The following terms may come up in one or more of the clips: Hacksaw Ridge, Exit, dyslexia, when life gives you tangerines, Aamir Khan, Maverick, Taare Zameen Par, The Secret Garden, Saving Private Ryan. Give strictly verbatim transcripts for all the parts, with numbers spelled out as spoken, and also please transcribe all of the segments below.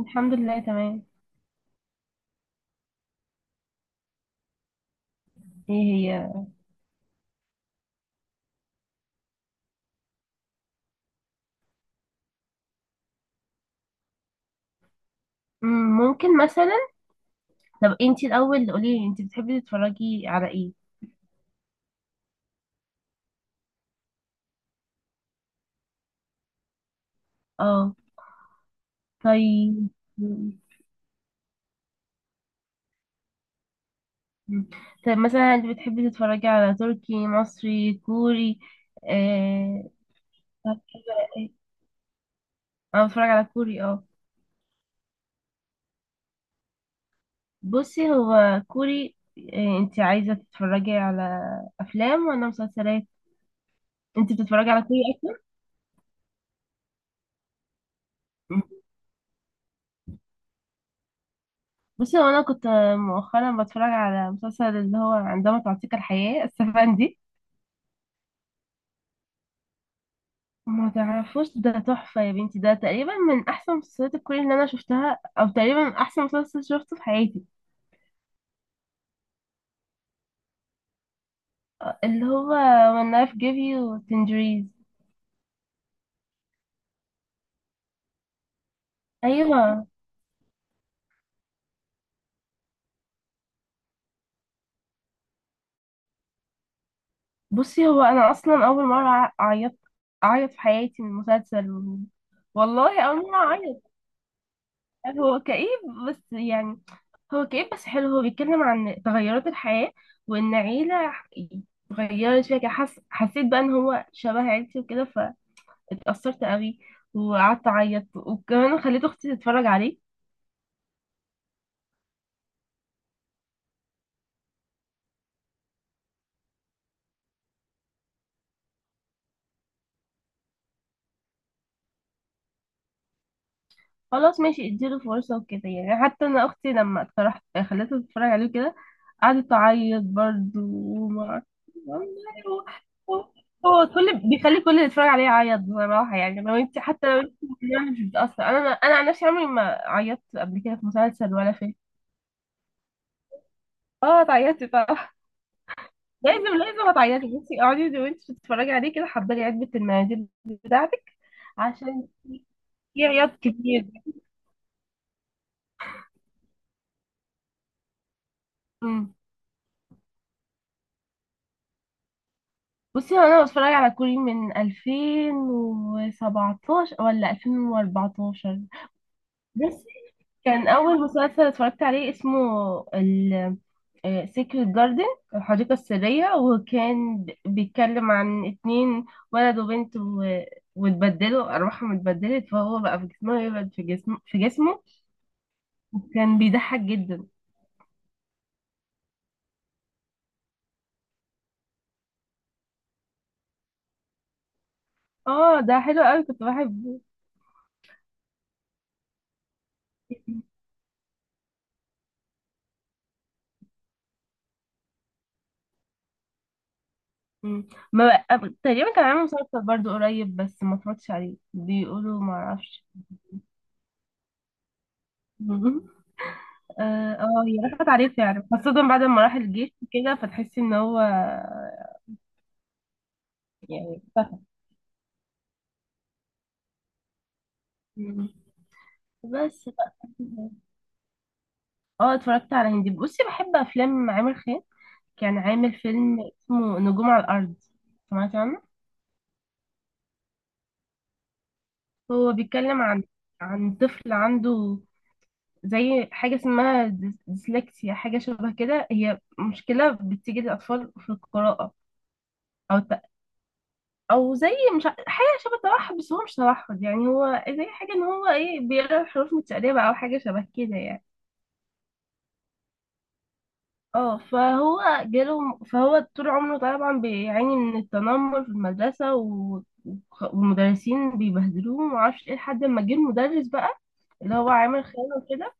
الحمد لله تمام. ايه هي؟ مم، ممكن مثلا. طب انتي الاول قولي لي انتي بتحبي تتفرجي على ايه؟ اه. طيب. مم، مم. طيب مثلا انتي بتحبي تتفرجي على تركي مصري كوري؟ اه. طب بتحبي على إيه؟ انا بتفرج على كوري، اه. بصي، هو كوري. آه، انتي عايزة تتفرجي على افلام ولا مسلسلات؟ انتي بتتفرجي على كوري اكتر. بصي هو انا كنت مؤخرا بتفرج على مسلسل، اللي هو عندما تعطيك الحياة السفندي. ما تعرفوش ده؟ تحفة يا بنتي، ده تقريبا من احسن مسلسلات الكوري اللي انا شفتها، او تقريبا احسن مسلسل شفته في حياتي. اللي هو when life gives you tangerines. ايوه. بصي هو انا اصلا اول مرة ع- اعيط اعيط في حياتي من مسلسل. والله اول مرة اعيط. هو كئيب، بس يعني هو كئيب بس حلو. هو بيتكلم عن تغيرات الحياة، وإن عيلة ح- اتغيرت فيها كده. حس... حسيت بقى إن هو شبه عيلتي وكده، فاتأثرت قوي وقعدت أعيط، وكمان خليت أختي تتفرج عليه. خلاص ماشي اديله فرصة وكده. يعني حتى انا اختي لما اقترحت، خليتها تتفرج عليه كده، قعدت تعيط برضه. وما... والله هو هو هو كل بيخلي كل اللي يتفرج عليه يعيط بصراحة. يعني لو انت، حتى لو انت يعني مش بتأثر، انا انا عن نفسي عمري ما عيطت قبل كده في مسلسل ولا فيلم. اه تعيطي طبعا. لازم لازم هتعيطي. بصي اقعدي وانت بتتفرجي عليه كده، حضري علبة المناديل بتاعتك، عشان في عياط كتير. مم. بصي هو انا بتفرج على كوري من ألفين وسبعتاشر ولا ألفين واربعة عشر. بس كان اول مسلسل اتفرجت عليه اسمه ال سيكريت جاردن، الحديقة السرية. وكان ب- بيتكلم عن اتنين، ولد وبنت، و... واتبدلوا، أرواحهم اتبدلت، فهو بقى في جسمه يبعد، في جسمه في جسمه. وكان بيضحك جدا. اه ده حلو قوي، كنت بحبه. مم. ما أب- تقريبا كان عامل مسلسل برضو قريب، بس ما اتفرجتش عليه، بيقولوا، ما اعرفش. مم. اه، آه، هي راحت عليه فعلا، خاصة بعد ما راح الجيش كده، فتحسي ان هو يعني اختفى. مم. بس بقى، اه اتفرجت على هندي. بصي بحب افلام عامر خان. كان عامل فيلم اسمه نجوم على الارض. سمعت عنه؟ هو بيتكلم عن عن طفل عنده زي حاجة اسمها ديس- ديسلكسيا، حاجة شبه كده. هي مشكلة بتيجي للأطفال في القراءة، أو الت- أو زي، مش ع- حاجة شبه توحد، بس هو مش توحد. يعني هو زي حاجة إن هو إيه، بيقرأ الحروف متقلبة أو حاجة شبه كده يعني. اه، فهو جاله، فهو طول عمره طبعا بيعاني من التنمر في المدرسة، و- وخ- والمدرسين بيبهدلوه ومعرفش ايه، لحد ما جه المدرس بقى اللي هو عامل خيانة كده،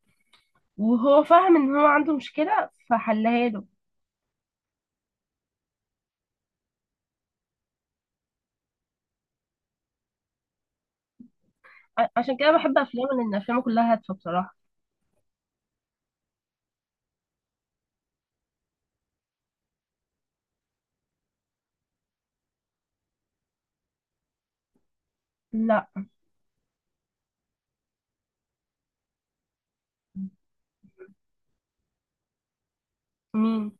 وهو فاهم ان هو عنده مشكلة، فحلها له. ع- عشان كده بحب افلامه، لان افلامه كلها هادفه بصراحه. لا. مين؟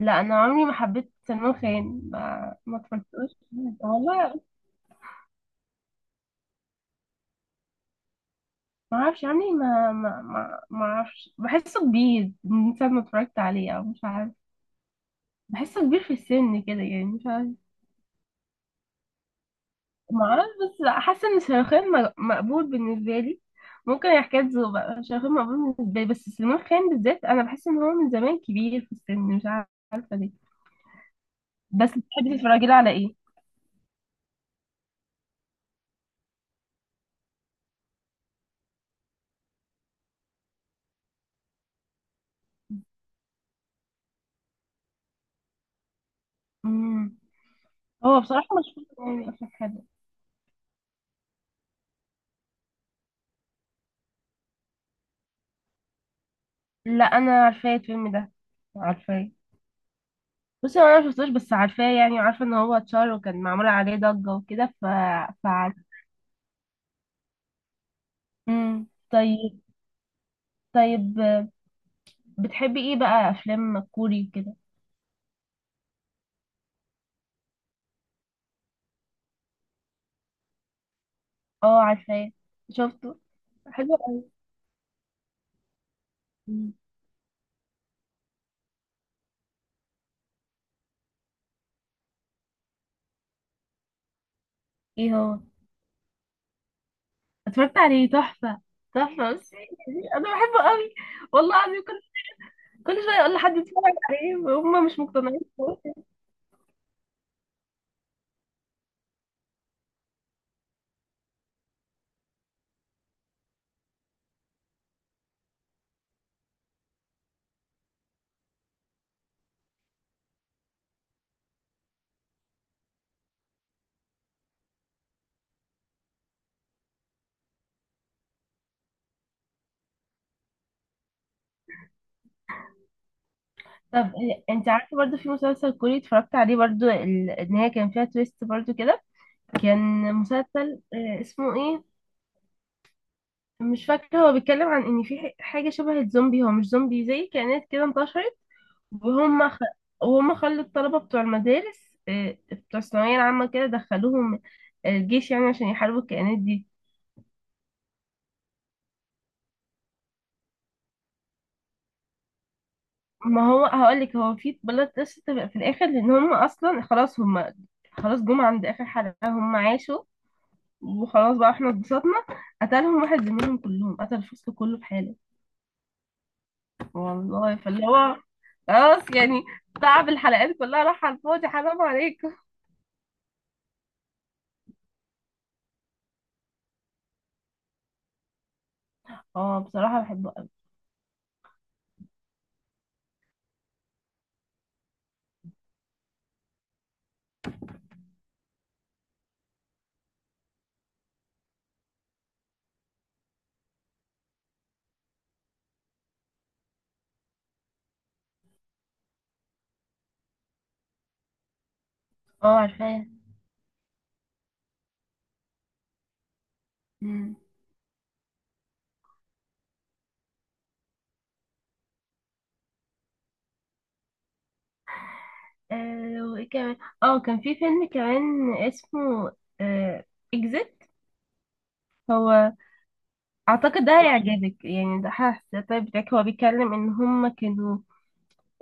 لا انا عمري ما حبيت سلمان خان، ما ما اتفرجتلوش. والله ما اعرفش. عمري ما ما ما ما اعرفش، بحسه كبير من ساعه ما اتفرجت عليه، او مش عارف. بحسه كبير في السن كده يعني، مش عارف. ما اعرفش. بس حاسه ان شاروخان م- مقبول بالنسبه لي. ممكن حكاية ذوق بقى، شاروخان مقبول بالنسبه لي، بس سلمان خان بالذات انا بحس ان هو من زمان كبير في السن، مش عارفه ليه. بس بتحبي تتفرجي له على ايه؟ مم. هو بصراحة مش فاكرة يعني أصلا حاجة. لا أنا عارفاه الفيلم ده، عارفاه. بصي هو أنا مشفتوش، بس عارفاه يعني، وعارفة إن هو اتشهر وكان معمول عليه ضجة وكده ف... فعارفة. امم طيب. طيب، آه، بتحبي إيه بقى أفلام كوري كده؟ اه عارفاه، شفته، حلو أوي. مم. إيه هو؟ اتفرجت عليه، تحفة. تحفة بصي، أنا بحبه قوي. والله العظيم، كل كل شوية أقول لحد يتفرج عليه وهم مش مقتنعين. طب، آه، انت عارفه برضو في مسلسل كوري اتفرجت عليه برضو، ال- ان هي كان فيها تويست برضو كده. كان مسلسل، آه، اسمه ايه، مش فاكره. هو بيتكلم عن ان في ح- حاجه شبه الزومبي، هو مش زومبي، زي كائنات كده انتشرت، وهم خ... وهم خلوا الطلبه بتوع المدارس، آه، بتوع الثانويه العامه كده، دخلوهم آه، الجيش يعني، عشان يحاربوا الكائنات دي. ما هو هقول لك، هو في بلوت تويست في الاخر، لان هم اصلا خلاص، هم خلاص جم عند اخر حلقه، هم عاشوا وخلاص، بقى احنا اتبسطنا، قتلهم واحد زميلهم، كلهم قتل، الفصل كله في حاله. والله، فاللي هو خلاص يعني، تعب الحلقات كلها راح على الفاضي، حرام عليكم. اه بصراحة بحبه قوي. اه عارفاه. مم. آه وايه كمان؟ اه كان في فيلم كمان اسمه، آه اكزيت. هو اعتقد ده هيعجبك يعني، ده حاسس طيب بتاعك. هو بيتكلم ان هما كانوا،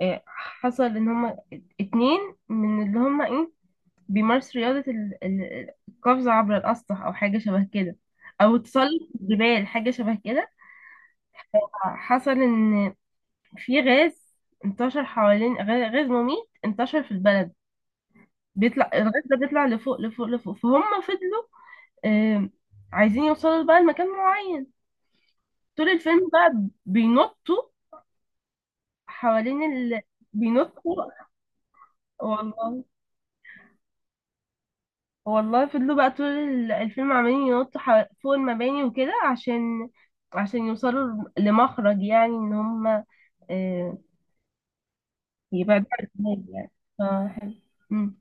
آه حصل ان هما اتنين، من اللي هما ايه، بيمارس رياضة ال- ال- القفز عبر الأسطح أو حاجة شبه كده، أو تسلق الجبال، حاجة شبه كده. حصل إن في غاز انتشر حوالين، غ- غاز مميت انتشر في البلد، بيطلع الغاز ده، بيطلع لفوق لفوق لفوق، فهم فضلوا، آم، عايزين يوصلوا بقى لمكان معين. طول الفيلم بقى بينطوا حوالين ال... بينطوا والله، والله فضلوا بقى طول ال- الفيلم عمالين ينطوا ح- فوق المباني وكده، عشان عشان يوصلوا لمخرج، يعني ان هم آه، يبعدوا عن الناس يعني. فحلو. مم.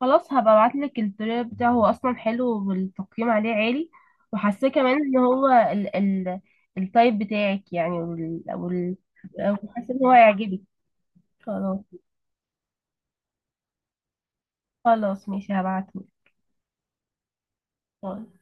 خلاص هبقى ابعتلك التريلر بتاعه، هو اصلا حلو والتقييم عليه عالي، وحاساه كمان ان هو، ال ال التايب بتاعك يعني، وال وال وحاسه ان هو هيعجبك. خلاص، خلاص ماشي هبعتهولك. باي.